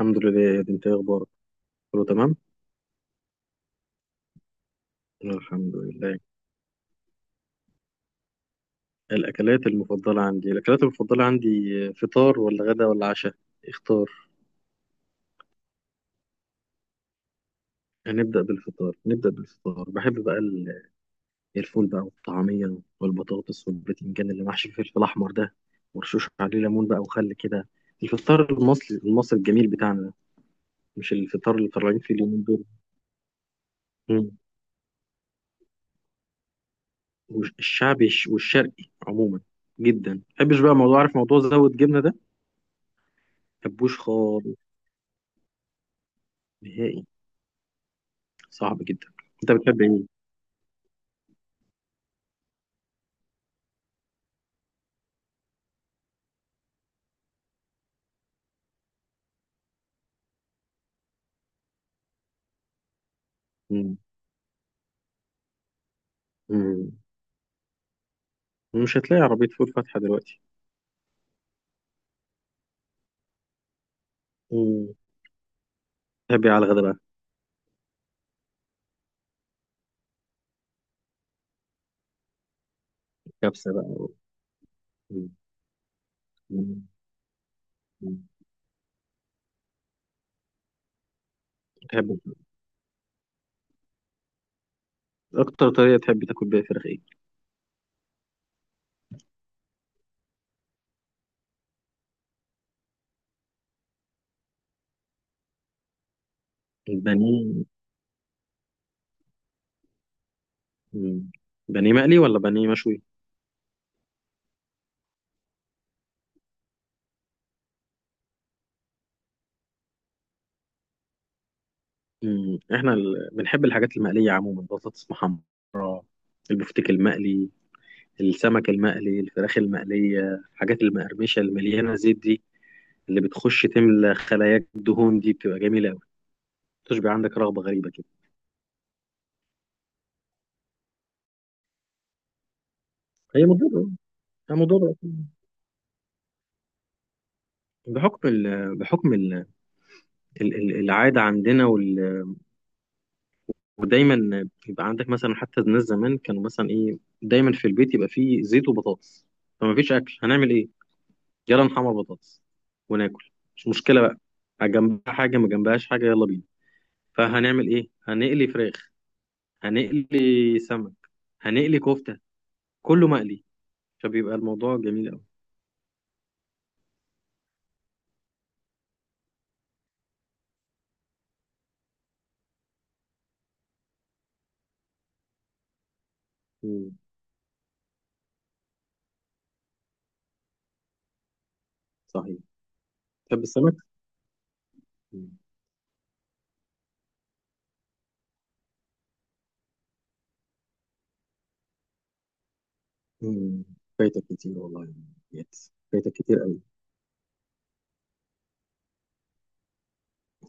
الحمد لله، يا دي، انت ايه اخبارك؟ كله تمام. الحمد لله. الاكلات المفضله عندي. فطار ولا غدا ولا عشاء؟ اختار. هنبدا بالفطار، نبدا بالفطار. بحب بقى الفول بقى والطعميه والبطاطس والبتنجان اللي محشي فيه الفلفل احمر ده، ورشوش عليه ليمون بقى وخل كده. الفطار المصري المصري الجميل بتاعنا ده، مش الفطار اللي طالعين فيه اليومين دول. مم. والشعبي والشرقي عموما جدا. ما بحبش بقى موضوع، عارف، موضوع زود جبنه ده، ما بحبوش خالص، نهائي. صعب جدا. انت بتحب ايه؟ مم. مم. مش هتلاقي عربية فول فاتحة دلوقتي. مم. تحب ايه على الغدا بقى؟ كبسة بقى. مم. مم. مم. تحب اكتر طريقة تحب تاكل بيها فراخ ايه؟ البانيه. مم. بانيه مقلي ولا بانيه مشوي؟ مم. احنا بنحب الحاجات المقلية عموما، بطاطس محمرة، البفتيك المقلي، السمك المقلي، الفراخ المقلية، الحاجات المقرمشة المليانة زيت دي، اللي بتخش تملى خلاياك دهون دي، بتبقى جميلة أوي. تشبع، عندك رغبة غريبة كده. هي مضرة. ده موضوع بقى. بحكم العادة عندنا، ودايما يبقى عندك مثلا. حتى الناس زمان كانوا مثلا، ايه، دايما في البيت يبقى فيه زيت وبطاطس. فما فيش اكل، هنعمل ايه؟ يلا نحمر بطاطس وناكل. مش مشكلة بقى. جنبها حاجة، ما جنبهاش حاجة، يلا بينا. فهنعمل ايه؟ هنقلي فراخ، هنقلي سمك، هنقلي كفتة، كله مقلي. فبيبقى الموضوع جميل قوي. مم. صحيح. تحب السمك؟ مم. فايتك كتير والله، يا ديت. فايتك كتير قوي.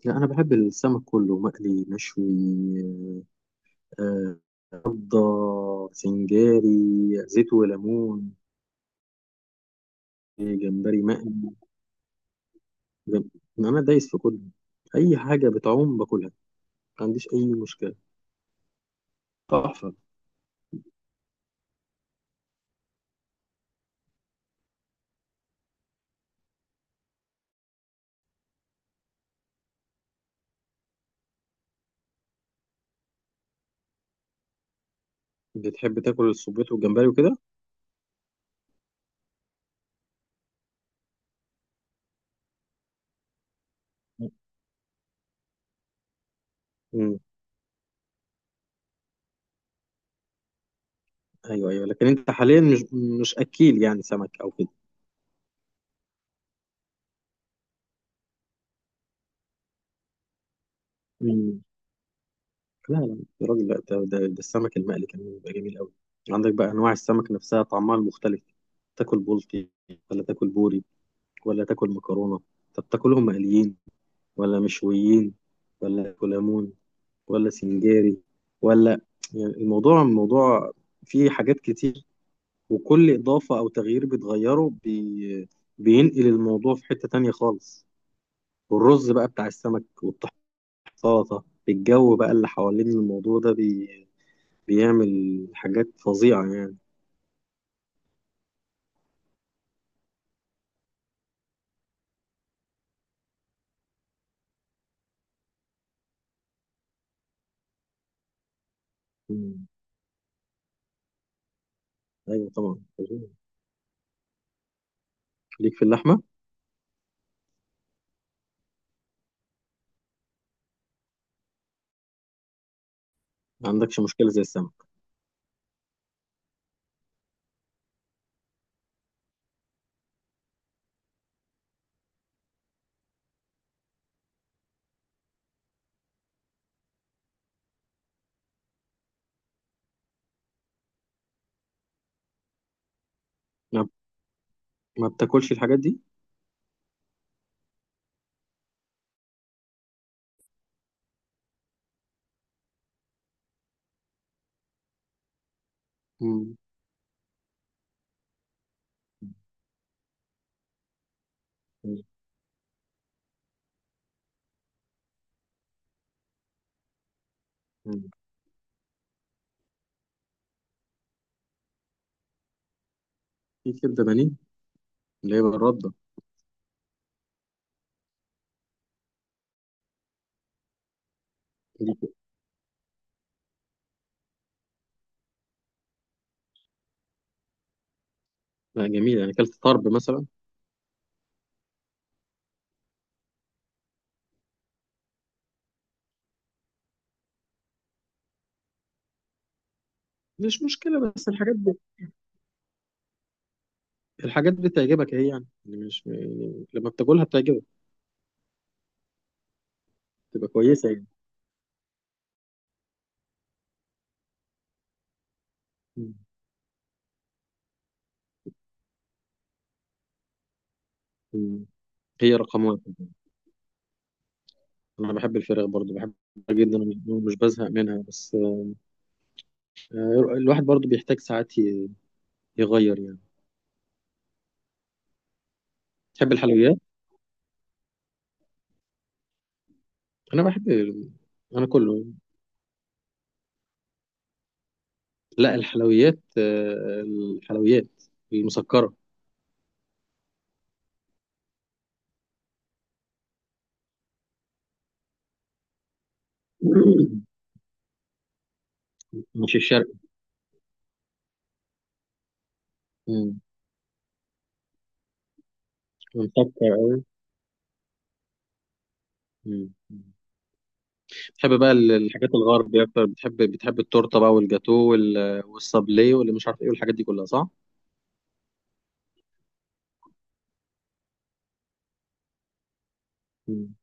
لا، انا بحب السمك كله، مقلي، مشوي، آه، رده، سنجاري، زيت وليمون. جمبري مقلي. جم... انا دايس في كله، اي حاجه بتعوم باكلها، ما عنديش اي مشكله. تحفه. بتحب تاكل الصبيط والجمبري وكده؟ مم. ايوه، ايوه، لكن انت حاليا مش اكيل يعني سمك او كده؟ لا لا يا راجل، لا، ده السمك المقلي كمان بيبقى جميل قوي. عندك بقى انواع السمك نفسها، طعمها المختلف. تاكل بلطي، ولا تاكل بوري، ولا تاكل مكرونه؟ طب تاكلهم مقليين ولا مشويين، ولا كولامون، ولا سنجاري، ولا؟ يعني الموضوع فيه حاجات كتير. وكل اضافه او تغيير بتغيره، بينقل الموضوع في حته تانية خالص. والرز بقى بتاع السمك، والطحينه، السلطه، الجو بقى اللي حوالين الموضوع ده، بيعمل حاجات فظيعة يعني. مم. أيوة طبعا، فظيع. ليك في اللحمة؟ ما عندكش مشكلة زي السمك؟ ما, ما بتاكلش الحاجات دي؟ مم. مم. مم. في كبدة بانيه، اللي هي بالردة دي. لا، جميلة. يعني أكلت طرب مثلا. مش مشكلة. بس الحاجات دي بتعجبك أهي يعني مش يعني لما بتاكلها بتعجبك تبقى كويسة يعني. مم. مم. هي رقم واحد. أنا بحب الفراخ برضو، بحبها جدا، ومش بزهق منها. بس الواحد برضو بيحتاج ساعات يغير يعني. تحب الحلويات؟ انا بحب ال- انا كله. لا، الحلويات، الحلويات المسكره. مش الشرق. مم. مسكر قوي. مم. بتحب بقى الحاجات الغربية أكتر، بتحب التورتة بقى والجاتو والصابلي واللي مش عارف إيه والحاجات دي كلها، صح؟ مم.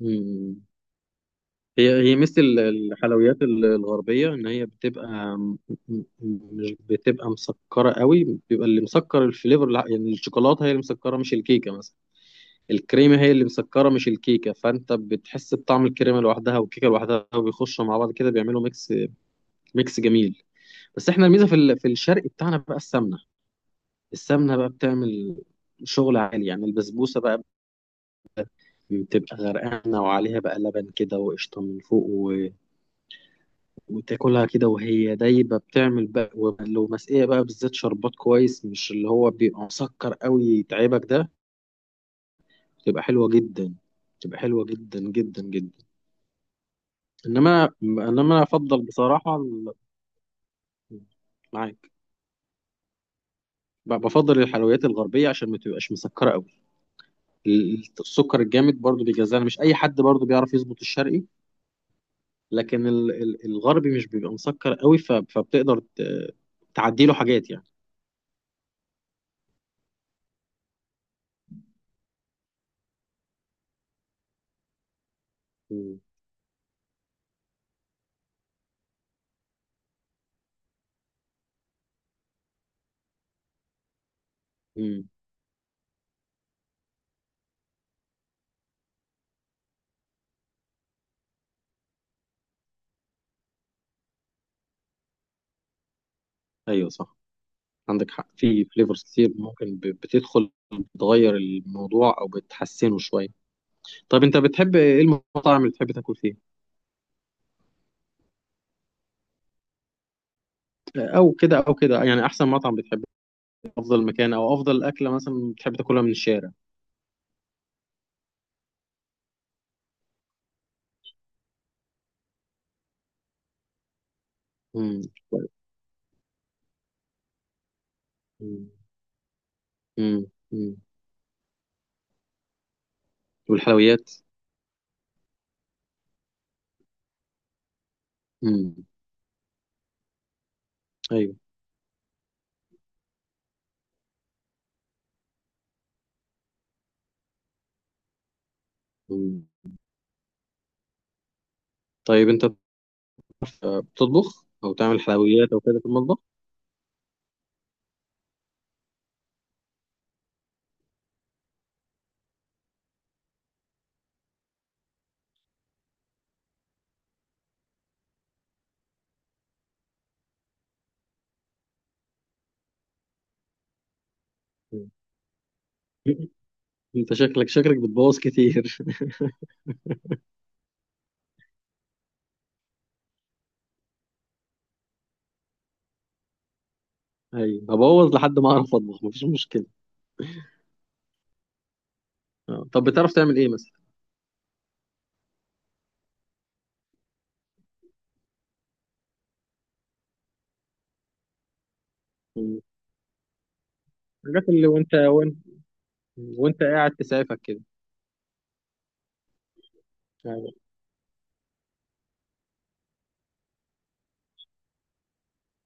مم. هي ميزة الحلويات الغربية، إن هي بتبقى م- م- مش بتبقى مسكرة قوي. بيبقى اللي مسكر الفليفر، يعني الشوكولاتة هي اللي مسكرة، مش الكيكة مثلا. الكريمة هي اللي مسكرة، مش الكيكة، فأنت بتحس بطعم الكريمة لوحدها والكيكة لوحدها، وبيخشوا مع بعض كده، بيعملوا ميكس، ميكس جميل. بس احنا الميزة في في الشرق بتاعنا بقى السمنة. السمنة بقى بتعمل شغل عالي. يعني البسبوسة بقى بتبقى غرقانة، وعليها بقى لبن كده، وقشطة من فوق، وتاكلها كده وهي دايبة، بتعمل بقى. ولو مسقية بقى بالذات شربات كويس، مش اللي هو بيبقى مسكر قوي يتعبك ده، بتبقى حلوة جدا. بتبقى حلوة جدا جدا جدا. انما انا افضل بصراحه معاك. بفضل الحلويات الغربيه عشان ما تبقاش مسكره قوي. السكر الجامد برضو بيجزعنا، مش اي حد برضو بيعرف يظبط الشرقي. لكن الغربي مش بيبقى مسكر قوي، فبتقدر تعدي له حاجات يعني. مم. مم. ايوه صح، عندك حق. في فليفرز كتير ممكن بتدخل، بتغير الموضوع او بتحسنه شويه. طب انت بتحب ايه؟ المطاعم اللي بتحب تاكل فيه، او كده او كده يعني. احسن مطعم بتحب، أفضل مكان، أو أفضل أكلة مثلا بتحب تاكلها من الشارع؟ امم. امم. امم. امم. والحلويات. امم. أيوه. امم. طيب أنت بتطبخ أو تعمل حلويات أو كده في المطبخ؟ مم. أنت شكلك بتبوظ كتير. أيوه، هبوظ لحد ما أعرف أطبخ، مفيش مشكلة. آه. طب بتعرف تعمل إيه مثلا؟ مم. الحاجات اللي وأنت قاعد تسعفك كده. ايوه،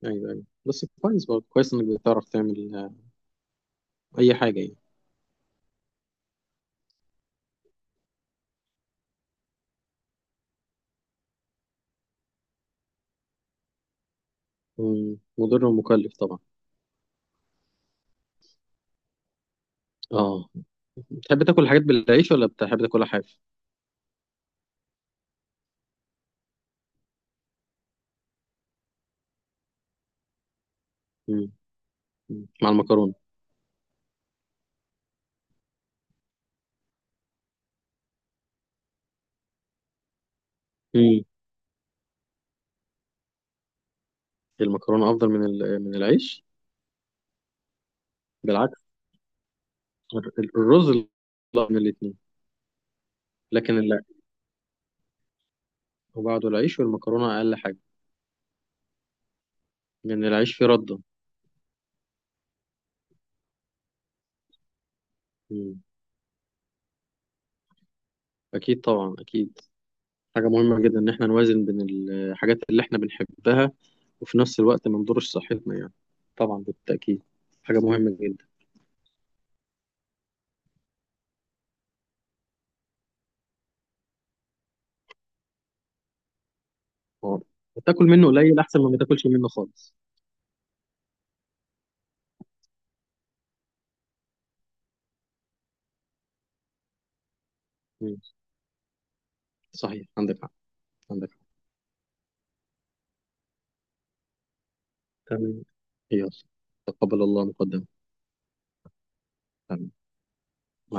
ايوه، ايوه، بس كويس برضه. كويس انك بتعرف تعمل اي حاجه يعني. مم. مضر ومكلف طبعا. اه. تحب تاكل الحاجات بالعيش ولا بتحب تاكلها حاف؟ مم. مم. مع المكرونه. مم. المكرونه افضل من من العيش. بالعكس. الرز، لا، من الاثنين. لكن لا، وبعده العيش، والمكرونه اقل حاجه، لان العيش فيه رده. مم. اكيد طبعا، اكيد. حاجه مهمه جدا ان احنا نوازن بين الحاجات اللي احنا بنحبها، وفي نفس الوقت ما نضرش صحتنا يعني. طبعا بالتاكيد، حاجه مهمه جدا. اه، تاكل منه قليل احسن ما تاكلش منه خالص. مم. صحيح، عندك حق. عندك. تمام. يلا. تقبل الله مقدما. تمام. مع